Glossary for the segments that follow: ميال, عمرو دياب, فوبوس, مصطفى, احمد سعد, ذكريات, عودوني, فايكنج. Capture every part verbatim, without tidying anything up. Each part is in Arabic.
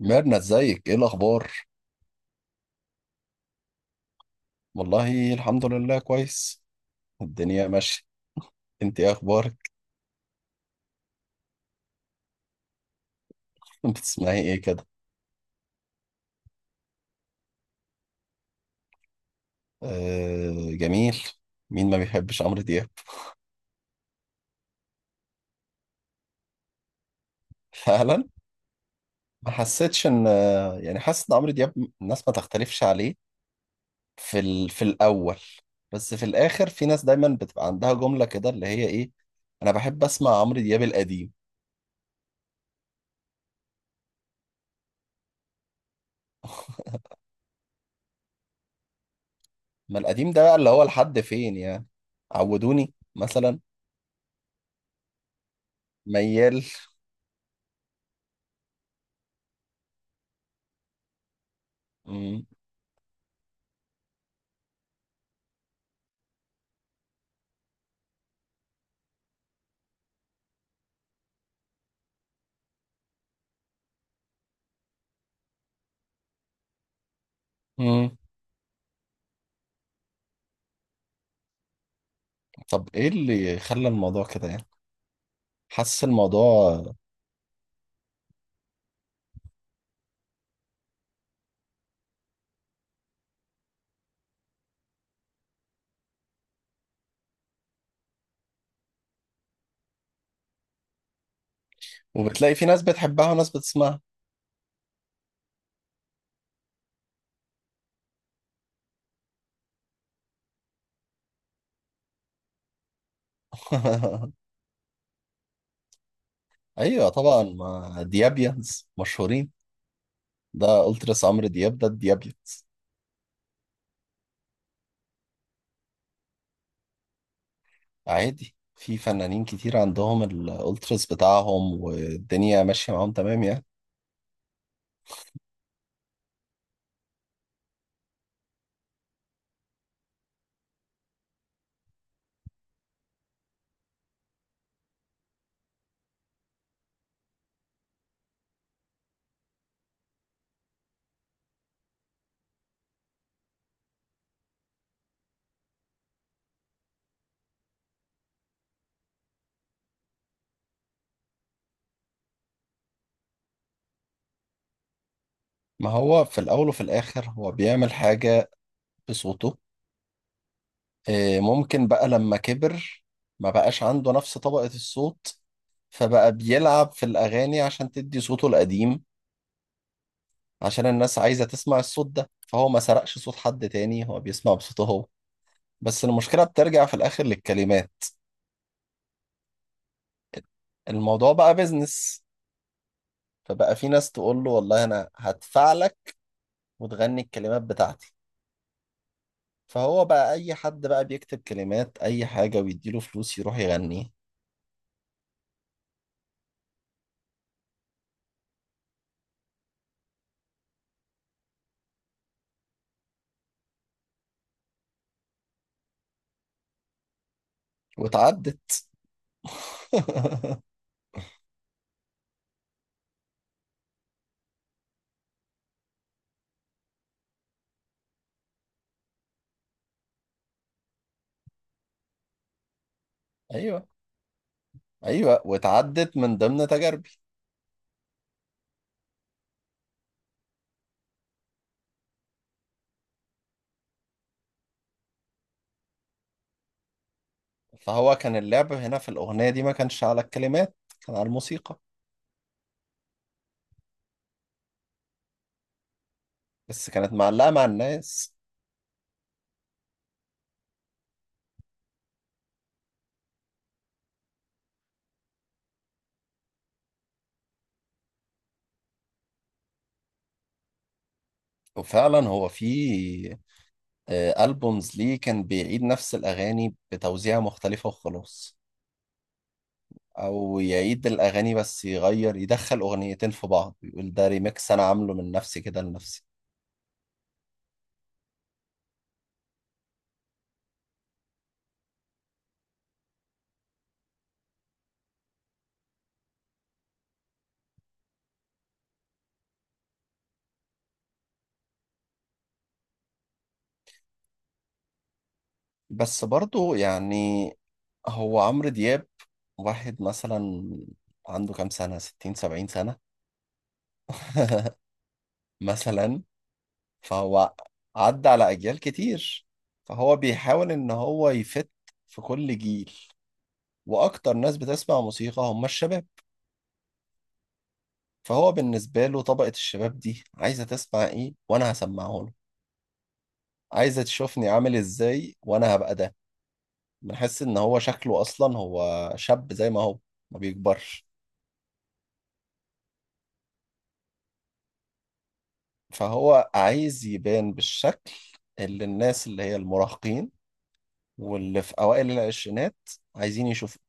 ميرنا ازيك؟ ايه الاخبار؟ والله الحمد لله، كويس. الدنيا ماشيه. انت ايه اخبارك؟ بتسمعي ايه كده؟ آه جميل. مين ما بيحبش عمرو دياب؟ فعلا. ما حسيتش ان، يعني حاسس ان عمرو دياب الناس ما تختلفش عليه في ال... في الاول، بس في الاخر في ناس دايما بتبقى عندها جمله كده اللي هي ايه: انا بحب اسمع عمرو دياب القديم. ما القديم ده بقى اللي هو لحد فين يعني؟ عودوني مثلا، ميال. مم. مم. طب ايه اللي خلى الموضوع كده يعني؟ حاسس الموضوع. وبتلاقي في ناس بتحبها وناس بتسمعها. ايوه طبعا، ما ديابيانز مشهورين. ده التراس عمرو دياب، ده الديابيانز. عادي، في فنانين كتير عندهم الالتراس بتاعهم والدنيا ماشيه معاهم تمام يعني. ما هو في الاول وفي الاخر هو بيعمل حاجه بصوته. إيه، ممكن بقى لما كبر ما بقاش عنده نفس طبقه الصوت، فبقى بيلعب في الاغاني عشان تدي صوته القديم. عشان الناس عايزة تسمع الصوت ده، فهو ما سرقش صوت حد تاني، هو بيسمع بصوته هو. بس المشكلة بترجع في الآخر للكلمات. الموضوع بقى بيزنس. فبقى في ناس تقول له والله أنا هدفع لك، وتغني الكلمات بتاعتي. فهو بقى أي حد بقى بيكتب كلمات أي حاجة ويديله فلوس يروح يغنيه. واتعدت. أيوه، أيوه، واتعدت من ضمن تجاربي. فهو كان اللعب هنا في الأغنية دي ما كانش على الكلمات، كان على الموسيقى. بس كانت معلقة مع الناس. وفعلا هو في آه، ألبومز ليه كان بيعيد نفس الأغاني بتوزيعة مختلفة وخلاص. أو يعيد الأغاني بس يغير، يدخل أغنيتين في بعض يقول ده ريميكس أنا عامله من نفسي كده لنفسي. بس برضه يعني، هو عمرو دياب واحد مثلا عنده كام سنة؟ ستين سبعين سنة؟ مثلا، فهو عدى على أجيال كتير. فهو بيحاول إن هو يفت في كل جيل، وأكتر ناس بتسمع موسيقى هم الشباب. فهو بالنسبة له طبقة الشباب دي عايزة تسمع ايه وانا هسمعه له. عايزة تشوفني عامل ازاي وانا هبقى ده. بنحس ان هو شكله اصلا هو شاب زي ما هو، ما بيكبرش. فهو عايز يبان بالشكل اللي الناس اللي هي المراهقين واللي في اوائل العشرينات عايزين يشوفوا.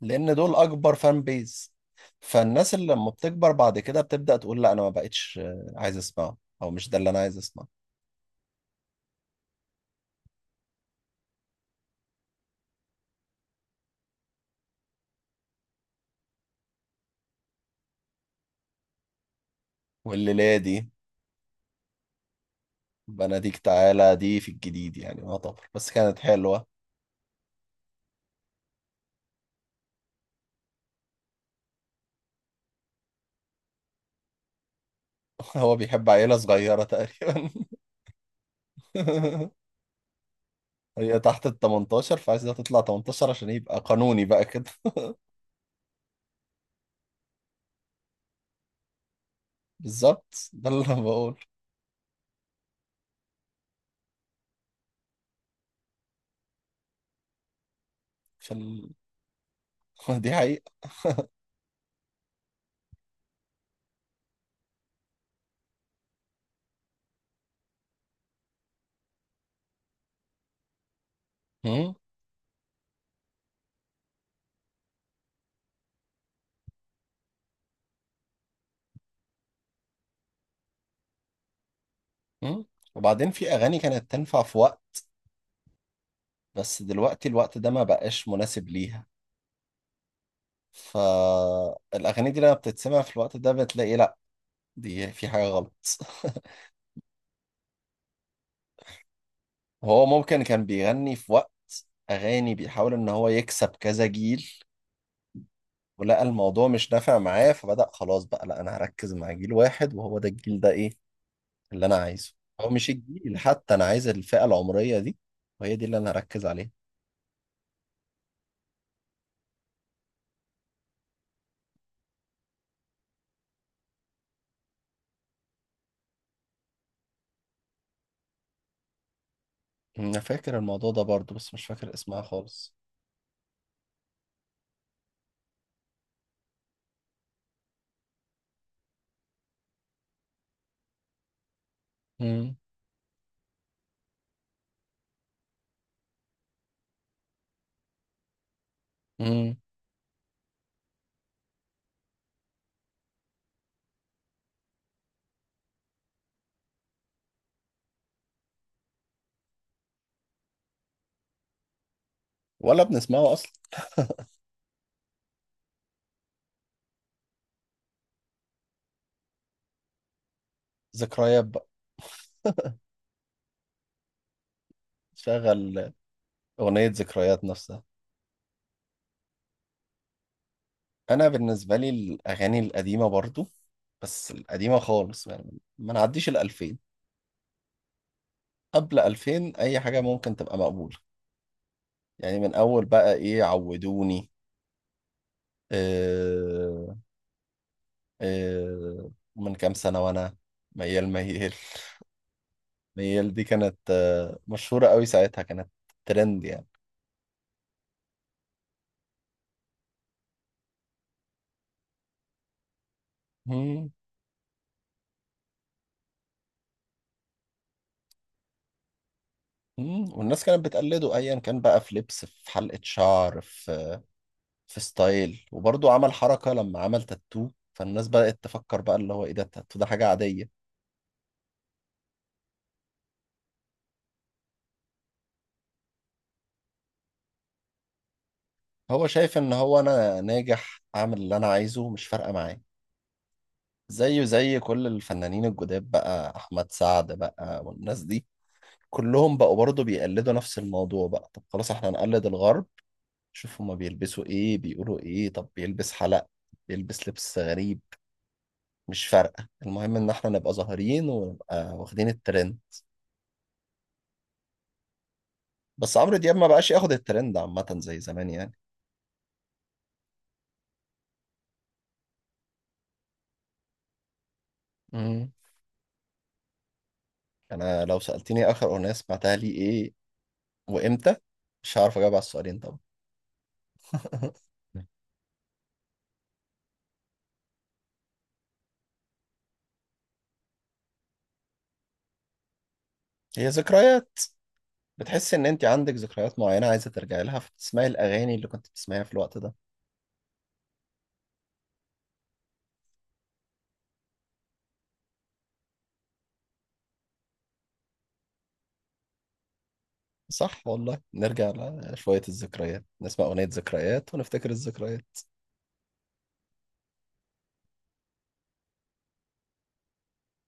لان دول اكبر فان بيز. فالناس اللي لما بتكبر بعد كده بتبدأ تقول لا انا ما بقتش عايز اسمعه، او مش ده اللي انا عايز اسمعه. والليلة دي، بناديك تعالى دي في الجديد يعني يعتبر، بس كانت حلوة. هو بيحب عيلة صغيرة تقريبا. هي تحت ال تمنتاشر، فعايزة تطلع تمنتاشر عشان يبقى قانوني بقى كده. بالظبط، ده اللي انا بقول. في ال... دي حقيقة. مم. مم. وبعدين في أغاني كانت تنفع في وقت، بس دلوقتي الوقت ده ما بقاش مناسب ليها. فالأغاني دي لما بتتسمع في الوقت ده بتلاقي لأ، دي في حاجة غلط. هو ممكن كان بيغني في وقت أغاني بيحاول إن هو يكسب كذا جيل، ولقى الموضوع مش نافع معاه، فبدأ خلاص بقى لا أنا هركز مع جيل واحد، وهو ده الجيل، ده إيه اللي أنا عايزه. أو مش الجيل حتى، أنا عايز الفئة العمرية دي، وهي دي اللي أنا هركز عليها. أنا فاكر الموضوع ده برضه، بس مش فاكر اسمها خالص. مم. مم. ولا بنسمعه أصلا. ذكريات بقى. شغل أغنية ذكريات نفسها. انا بالنسبه لي الاغاني القديمه برضو، بس القديمه خالص، يعني ما نعديش الألفين. قبل ألفين اي حاجه ممكن تبقى مقبوله. يعني من اول بقى ايه، عودوني. آه، آه، من كام سنه وانا، ميال ميال. ميال دي كانت آه، مشهوره قوي ساعتها، كانت ترند يعني. مم، مم. والناس كانت بتقلده ايا كان بقى، في لبس، في حلقه شعر، في في ستايل. وبرضه عمل حركة لما عمل تاتو، فالناس بدأت تفكر بقى اللي هو ايه ده، التاتو ده حاجة عادية. هو شايف ان هو انا ناجح اعمل اللي انا عايزه، مش فارقة معايا. زيه زي كل الفنانين الجداد بقى، احمد سعد بقى والناس دي، كلهم بقوا برضه بيقلدوا نفس الموضوع. بقى طب خلاص احنا هنقلد الغرب. شوف هما بيلبسوا ايه، بيقولوا ايه. طب بيلبس حلق، بيلبس لبس غريب، مش فارقة، المهم ان احنا نبقى ظاهرين ونبقى واخدين الترند. بس عمرو دياب ما بقاش ياخد الترند عامة زي زمان يعني. مم. انا لو سألتني اخر اغنية سمعتها لي ايه وامتى، مش هعرف اجاوب على السؤالين طبعا. هي ذكريات. بتحس ان انت عندك ذكريات معينة عايزة ترجعي لها، فتسمعي الاغاني اللي كنت بتسمعيها في الوقت ده. صح والله، نرجع لشوية الذكريات، نسمع اغنية ذكريات ونفتكر الذكريات.